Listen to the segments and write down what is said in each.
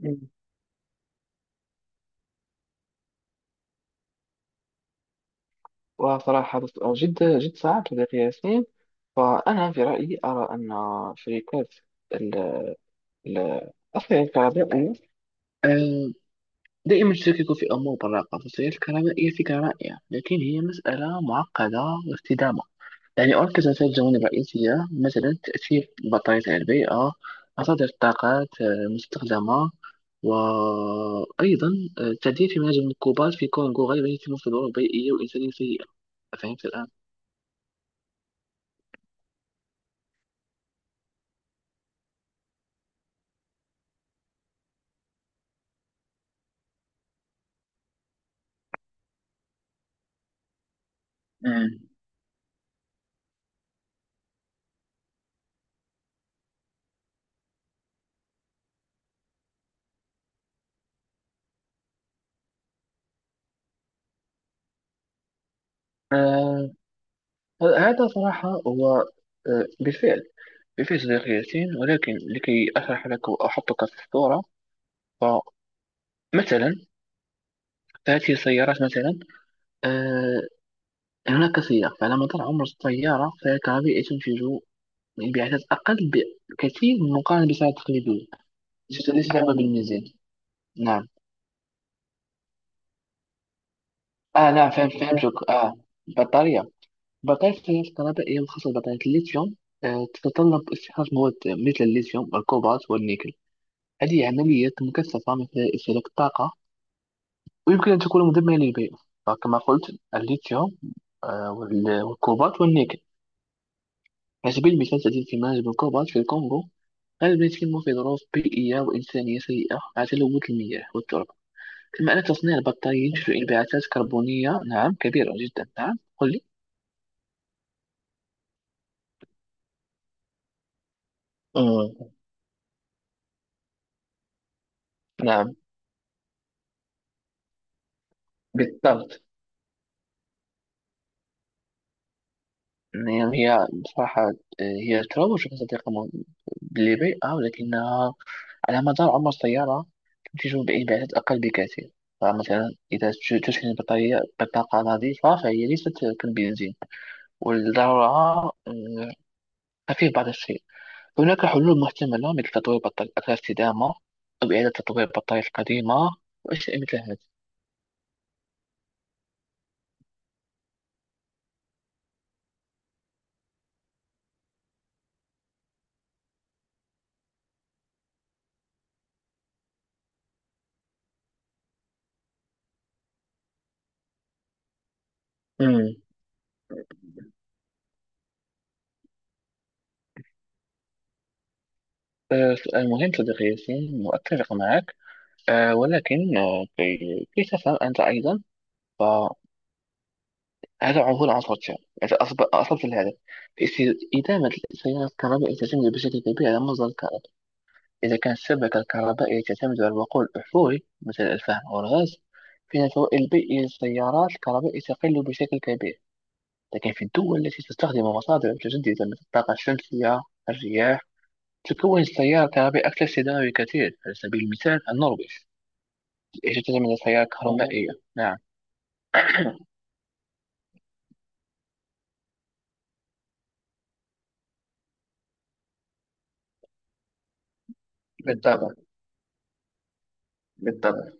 مم. وصراحة جد جد صعب صديقي ياسين. فأنا في رأيي أرى أن شركات ال- ال- أصلا الكهربائية، آه، دائما تشكك في أمور براقة. فالسيارة الكهربائية فكرة رائعة، لكن هي مسألة معقدة واستدامة. يعني أركز على ثلاث جوانب رئيسية، مثلا تأثير البطارية على البيئة، مصادر الطاقات المستخدمة، وأيضا التعديل في مناجم المركوبات في كونغو غالبا يتم في ظروف بيئية وإنسانية سيئة. فهمت الآن؟ مم. آه هذا صراحة هو، بالفعل. بالفعل صديقي ياسين، ولكن لكي أشرح لك وأحطك في الصورة، فمثلا، فهذه السيارات مثلا، آه هناك سياق. فعلى مدار عمر السيارة، فهي الكهربائية تنتج انبعاثات أقل بكثير مقارنة بالسيارة التقليدية. ليس لعبة بالميزان. نعم. نعم، فهمتك. البطارية، بطارية السيارات الكهربائية وخاصة بطارية الليثيوم تتطلب استخراج مواد مثل الليثيوم والكوبالت والنيكل. هذه عمليات مكثفة مثل استهلاك الطاقة، ويمكن أن تكون مدمرة للبيئة. فكما قلت الليثيوم، والكوبالت والنيكل. على سبيل المثال تزيد اندماج بالكوبالت في الكونغو غالبا يتم في ظروف بيئية وإنسانية سيئة مع تلوث المياه والتربة. كما أن تصنيع البطارية ينتج انبعاثات كربونية، نعم، كبيرة جدا. نعم، قل لي. مم. نعم، بالضبط. يعني هي بصراحة، هي تروج بصديقة للبيئة، ولكنها على مدار عمر السيارة تنتج بإنبعاثات أقل بكثير. فمثلا إذا تشحن البطارية بطاقة نظيفة فهي ليست كالبنزين، والضررها خفيف بعض الشيء. هناك حلول محتملة مثل تطوير بطارية أكثر استدامة أو إعادة تطوير البطارية القديمة وأشياء مثل هذه. أمم. آه، سؤال مهم صديقي ياسين، وأتفق معك. ولكن كي تفهم أنت أيضا، هذا عنوان عصر. إذا أصبت الهدف. إدامة التيار الكهربائي تعتمد بشكل كبير على مصدر الكهرباء. إذا كانت الشبكة الكهربائية تعتمد على الوقود الأحفوري مثل الفحم أو الغاز، فإن الفوائد البيئية للسيارات الكهربائية تقل بشكل كبير. لكن في الدول التي تستخدم مصادر متجددة مثل الطاقة الشمسية، الرياح، تكون السيارة الكهربائية أكثر استدامة بكثير. على سبيل المثال النرويج التي تعتمد على السيارة الكهربائية. نعم. بالطبع، بالطبع،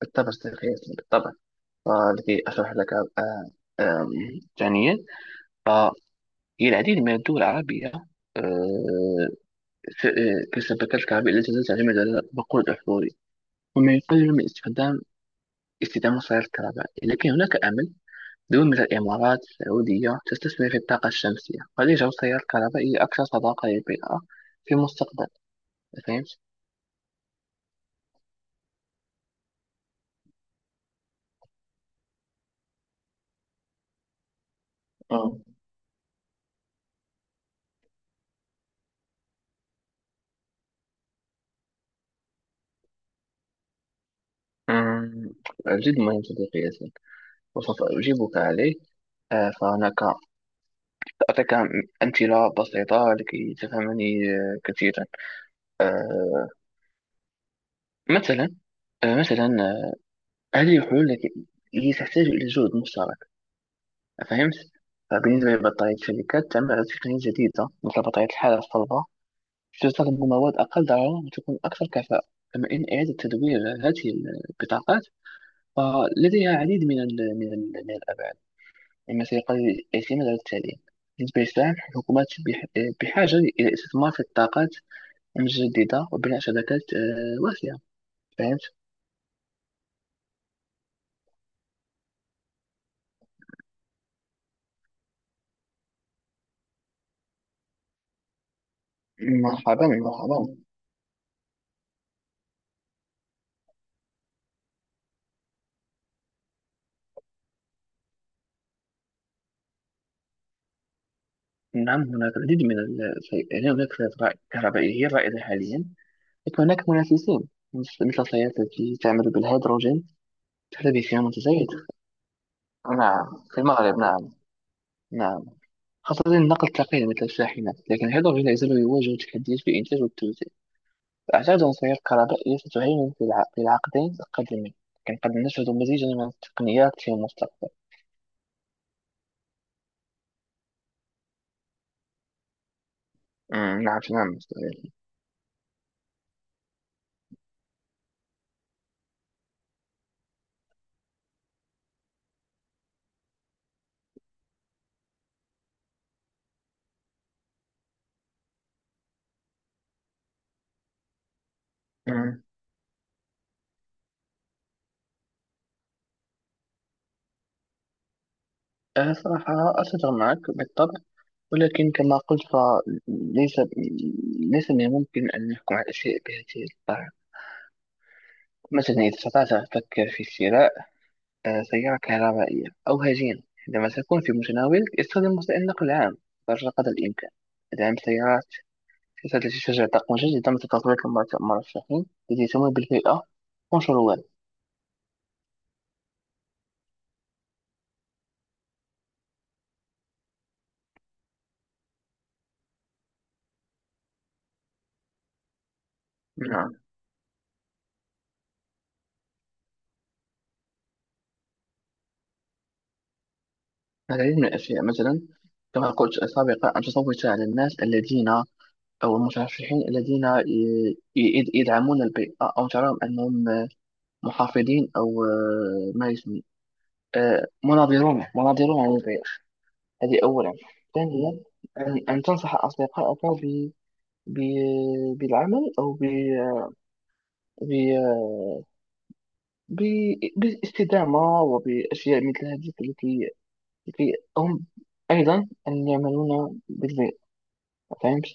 بالطبع صديقي ياسين، بالطبع. التي أشرح لك. آه، آم، ثانيا، فالعديد من الدول العربية آه، كالشبكات الكهربائية التي لا تعتمد على الوقود الأحفوري، وما يقلل من استخدام وسائل الكهرباء. لكن هناك أمل. دول مثل الإمارات السعودية تستثمر في الطاقة الشمسية، قد يجعل التيار الكهربائي أكثر صداقة للبيئة في المستقبل. فهمت؟ اه أمم، جد مهم صديقي ياسين، وسوف أجيبك عليه. فهناك، أعطيك أمثلة بسيطة لكي تفهمني كثيرا. مثلا، مثلا، آه، هذه الحلول التي هي تحتاج إلى جهد مشترك. فهمت؟ فبالنسبة لبطارية الشركات تعمل على تقنية جديدة مثل بطارية الحالة الصلبة، تستخدم مواد أقل ضررا وتكون أكثر كفاءة. كما إن إعادة تدوير هذه البطاقات فلديها العديد من ال من ال من الأبعاد، مما سيقلل الاعتماد على التعليم. بالنسبة للسهم الحكومات بحاجة إلى استثمار في الطاقات جديدة وبناء شبكات واسعة. فهمت؟ مرحبا مرحبا. نعم هناك العديد من هناك فئات كهربائية رائدة حاليا، لكن هناك منافسين مثل السيارات التي تعمل بالهيدروجين. تحتوي فيها متزايد. نعم، في المغرب. نعم. نعم، خاصة النقل الثقيل مثل الشاحنات. لكن الهيدروجين لا يزال يواجه تحديات في الإنتاج والتوزيع. أعتقد أن السيارات الكهربائية ستهيمن في في العقدين القادمين، لكن قد نشهد مزيجا من التقنيات في المستقبل. نعم. نعم. أنا صراحة أتفق معك بالطبع، ولكن كما قلت فليس ليس من الممكن أن نحكم على الأشياء بهذه الطريقة. مثلا إذا استطعت أن تفكر في شراء سيارة كهربائية أو هجينة عندما تكون في متناولك، استخدم وسائل النقل العام قدر الإمكان. دعم السيارات، سياسات التي تشجع طاقة مجددة مثل تطوير المرشحين التي تمول بالبيئة والشروال. نعم. العديد من الأشياء مثلا، كما قلت سابقا، أن تصوت على الناس الذين، أو المترشحين الذين ي- يدعمون البيئة، أو تراهم أنهم محافظين، أو ما يسمى مناظرون عن البيئة. هذه أولا. ثانيا، أن تنصح أصدقائك بالعمل، أو ب- بالاستدامة وبأشياء مثل هذه التي هم أيضا أن يعملون بالبيئة. فهمت؟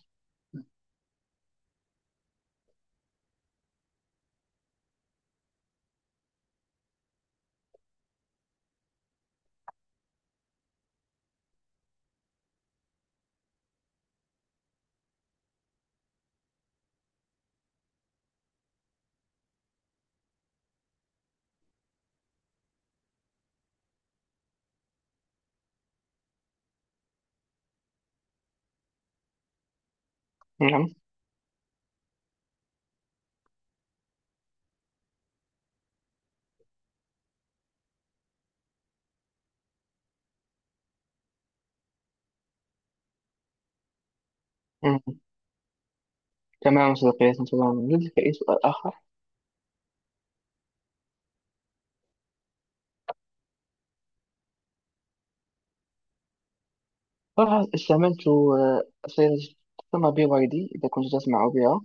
نعم. مم. تمام صديقي، تمام. لديك أي سؤال آخر؟ صراحة استعملت سيارة تسمى BYD إذا كنت تسمع بها.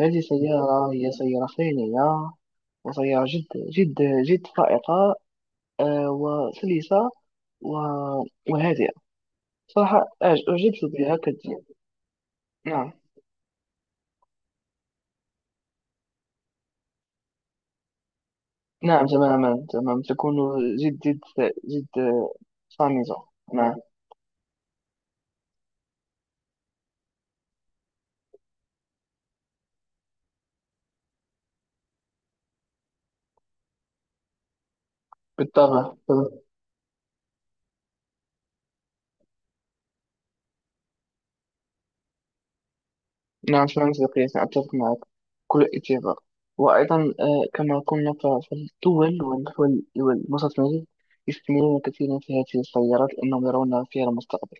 هذه سيارة، هي سيارة خيالية، وسيارة جد جد جد فائقة، وسلسة و- وهادئة. صراحة أعجبت بها كثير. نعم. نعم، تماما. تمام. تكون جد جد جد، صامتة. نعم. بالطبع. نعم، شكرا صديقي، أتفق معك. كل إثيوبيا. وأيضا كما قلنا فالدول والوسط المالي يستثمرون كثيرا في هذه السيارات لأنهم يرون فيها المستقبل.